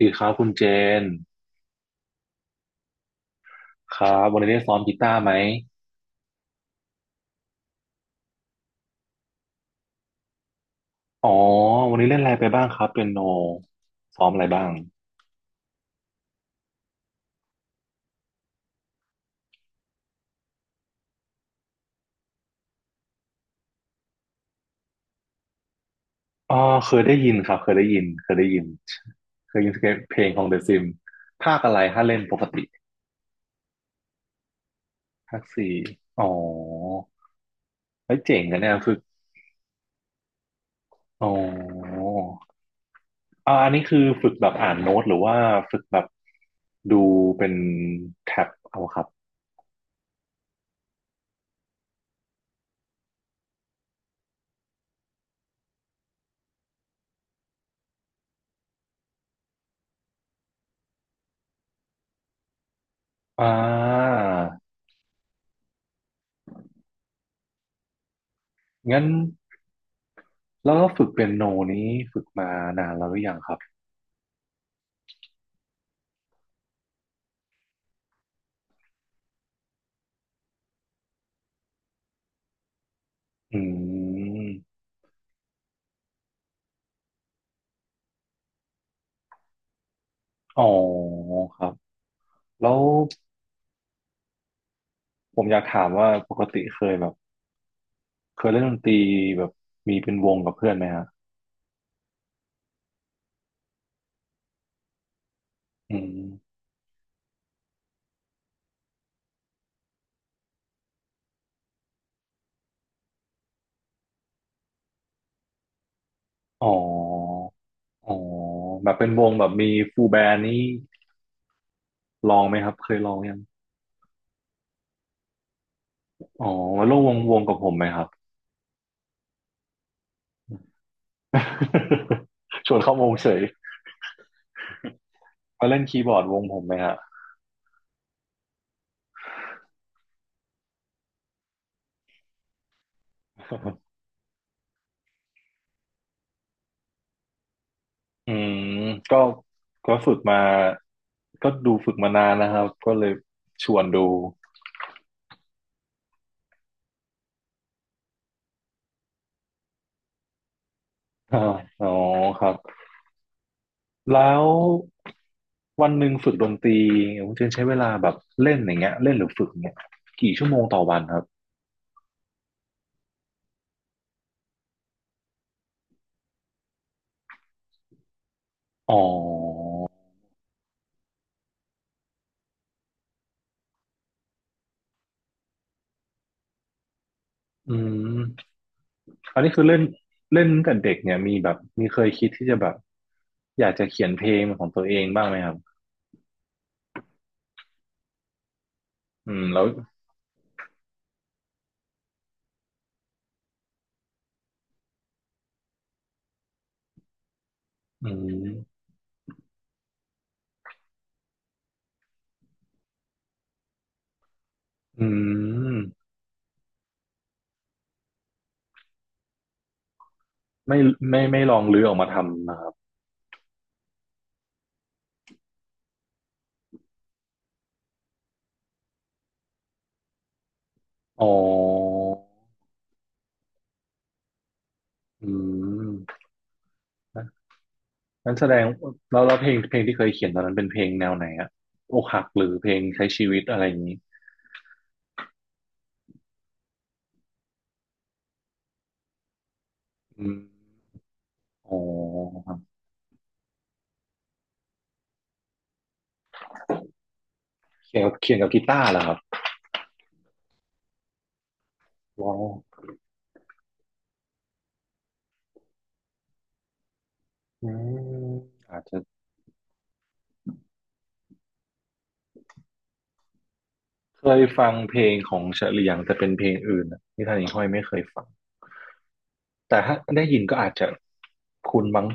ดีครับคุณเจนครับวันนี้ได้ซ้อมกีตาร์ไหมอ๋อวันนี้เล่นอะไรไปบ้างครับเปียโนซ้อมอะไรบ้างอ๋อเคยได้ยินครับเคยได้ยินเคยได้ยินเคยยินเพลงของเด e s ซิมภาคอะไรถ้าเล่นปกติภาคสี่อ๋อไว้ยเจ๋งกันเนี่ยฝึกอ๋ออ่าอันนี้คือฝึกแบบอ่านโน้ตหรือว่าฝึกแบบดูเป็นแท็บเอาครับอ่างั้นแล้วก็ฝึกเปียโนนี้ฝึกมานานแล้วหรือยังครับ อืมอ๋อครับแล้วผมอยากถามว่าปกติเคยแบบเคยเล่นดนตรีแบบมีเป็นวงกับเพื่อนไหมฮะอืมอ๋ออ๋อแบบเป็นวงแบบมีฟูลแบนด์นี่ลองไหมครับเคยลองยังอ๋อมาร่วมวงกับผมไหมครับ ชวนเข้าวงเฉยมาเล่นคีย์บอร์ดวงผมไหมฮะอืมก็ก็ฝึกมาฝึกมานานนะครับก็เลยชวนดู อ่าอ๋อครับ แล้ววันหนึ่งฝึกดนตรีคุณเจนใช้เวลาแบบเล่นอย่างเงี้ยเล่นหรือฝึกอย่างเงี้ยกี่ชั่วโมงต่อวันครับอ๋ออืมอันนี้คือเล่นเล่นตั้งแต่เด็กเนี่ยมีแบบมีเคยคิดที่จะแบบอยากจะเขียนเพลงเป็นของตัวเองบ้างไหมครับอืมแล้วอืมอืมไม่ไม่ลองรื้อออกมาทำนะครับอ๋ออืม นั้นแสดงแล้วแล้วเพลงที่เคยเขียนตอนนั้นเป็นเพลงแนวไหนอะอกหักหรือเพลงใช้ชีวิตอะไรอย่างนี้อืมอ๋อครับเขียนกับกีตาร์เหรอครับว้าวอืมอาจจะเคยฟังเพลงของเฉลียงแต่เป็นเพลงอื่นอะนิทานหญิงห้อยไม่เคยฟังแต่ถ้าได้ยินก็อาจจะคุ้นมั้ง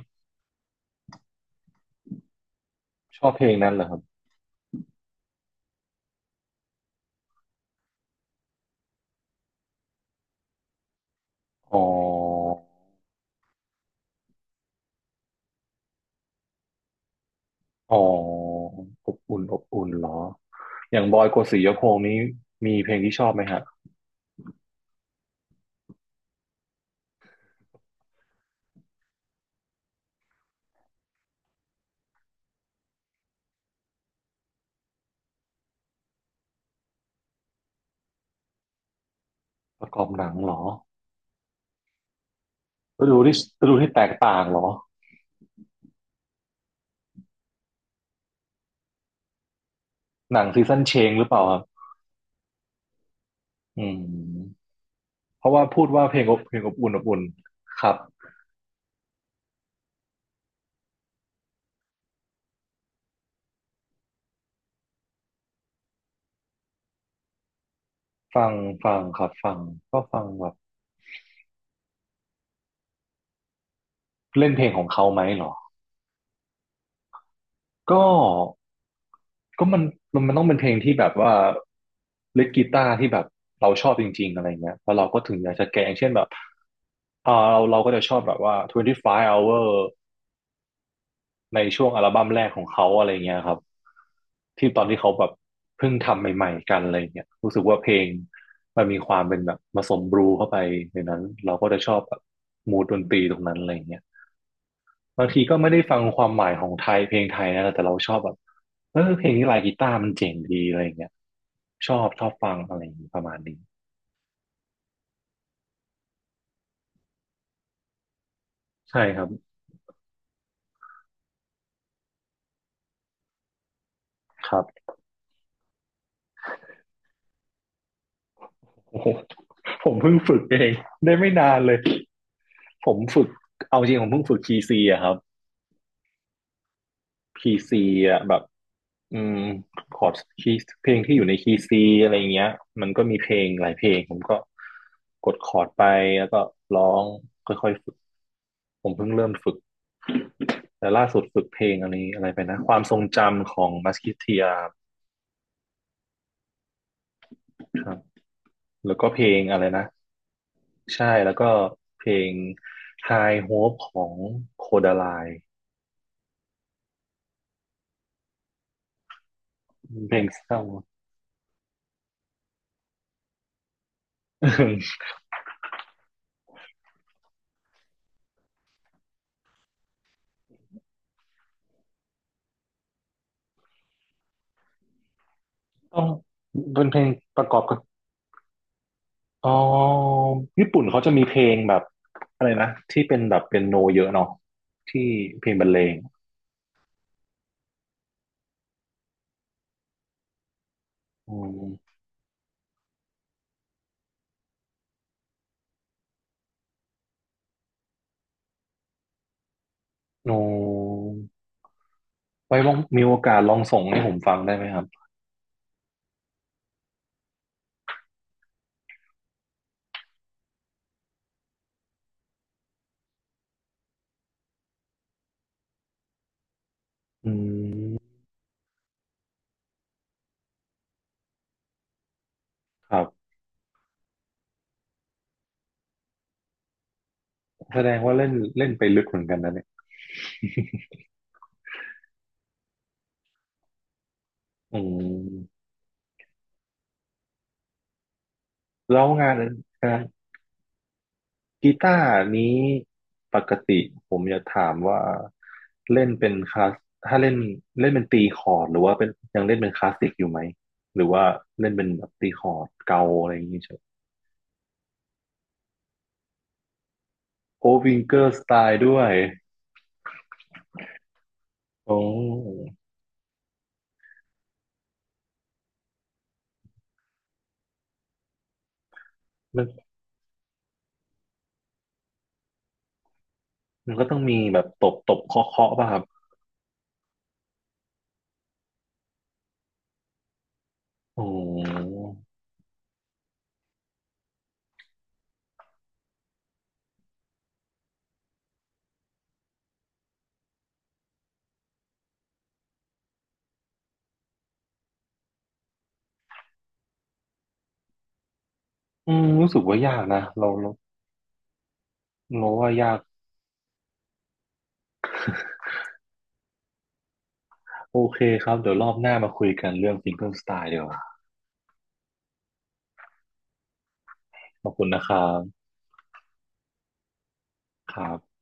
ชอบเพลงนั้นเหรอครับอ๋ออ๋ออบอุ่นอบอุ่นเหรออย่างบอยโกสิยพงษ์นี้มีเพลงที่ชอบไหมฮะประกอบหนังเหรอ ฤดูที่ฤดูที่แตกต่างเหรอหนังซีซันเชงหรือเปล่าครับอืมเพราะว่าพูดว่าเพลงอบอุ่นครับฟังฟังครับก็ฟังแบบเล่นเพลงของเขาไหมเหรอก็ก็มันต้องเป็นเพลงที่แบบว่าเล่นกีตาร์ที่แบบเราชอบจริงๆอะไรเงี้ยแล้วเราก็ถึงอยากจะแกะอย่างเช่นแบบอ่าเราก็จะชอบแบบว่า25 hour ในช่วงอัลบั้มแรกของเขาอะไรเงี้ยครับที่ตอนที่เขาแบบเพิ่งทำใหม่ๆกันอะไรเงี้ยรู้สึกว่าเพลงมันมีความเป็นแบบผสมบลูเข้าไปในนั้นเราก็จะชอบแบบมูดดนตรีตรงนั้นอะไรเงี้ยบางทีก็ไม่ได้ฟังความหมายของไทยเพลงไทยนะแต่เราชอบแบบเออเพลงนี้ลายกีตาร์มันเจ๋งดีอะไรเงี้ยชอบฟังอะไรอย่างงี้ประมาณนี้ใช่ครับครับโอ้โหผมเพิ่งฝึกเองได้ไม่นานเลยผมฝึกเอาจริงผมเพิ่งฝึกคีย์ซีอะครับ คีย์ซีอ่ะแบบอืมคอร์ดคีย์เพลงที่อยู่ในคีย์ซีอะไรอย่างเงี้ยมันก็มีเพลงหลายเพลงผมก็กดคอร์ดไปแล้วก็ร้องค่อยๆฝึกผมเพิ่งเริ่มฝึกแต่ล่าสุดฝึกเพลงอันนี้อะไรไปนะความทรงจำของมัสคิเทียครับแล้วก็เพลงอะไรนะใช่แล้วก็เพลง High Hope ของโคดาไลเพลงเศร้า ต้องเป็นเพลงประกอบกับ อ๋อญี่ปุ่นเขาจะมีเพลงแบบอะไรนะที่เป็นแบบเป็นโนเยอะเนาะที่เพลงบรรเลงอืมโนไว้ว่างมีโอกาสลองส่งให้ผมฟังได้ไหมครับอืมครับแสดงว่าเล่นเล่นไปลึกเหมือนกันนะเนี่ยอืมแล้วงานงานกีตาร์นี้ปกติผมจะถามว่าเล่นเป็นคลาสถ้าเล่นเล่นเป็นตีคอร์ดหรือว่าเป็นยังเล่นเป็นคลาสสิกอยู่ไหมหรือว่าเล่นเป็นแบบตีคอร์ดเกาอะไรอย่างนี้ โอวิงเกอร์สไตล์ด้วย โอ้ มัน มันก็ต้องมีแบบตบตบเคาะเคาะป่ะครับโอ้อืมรู้สึกว่ายากนะเราเราว่ายาก โอเคครับ เดี๋ยวรอบหน้ามาคุยกันเรื่องซิงเกิลสไตล์ดีกว่าขอบคุณนะครับครับ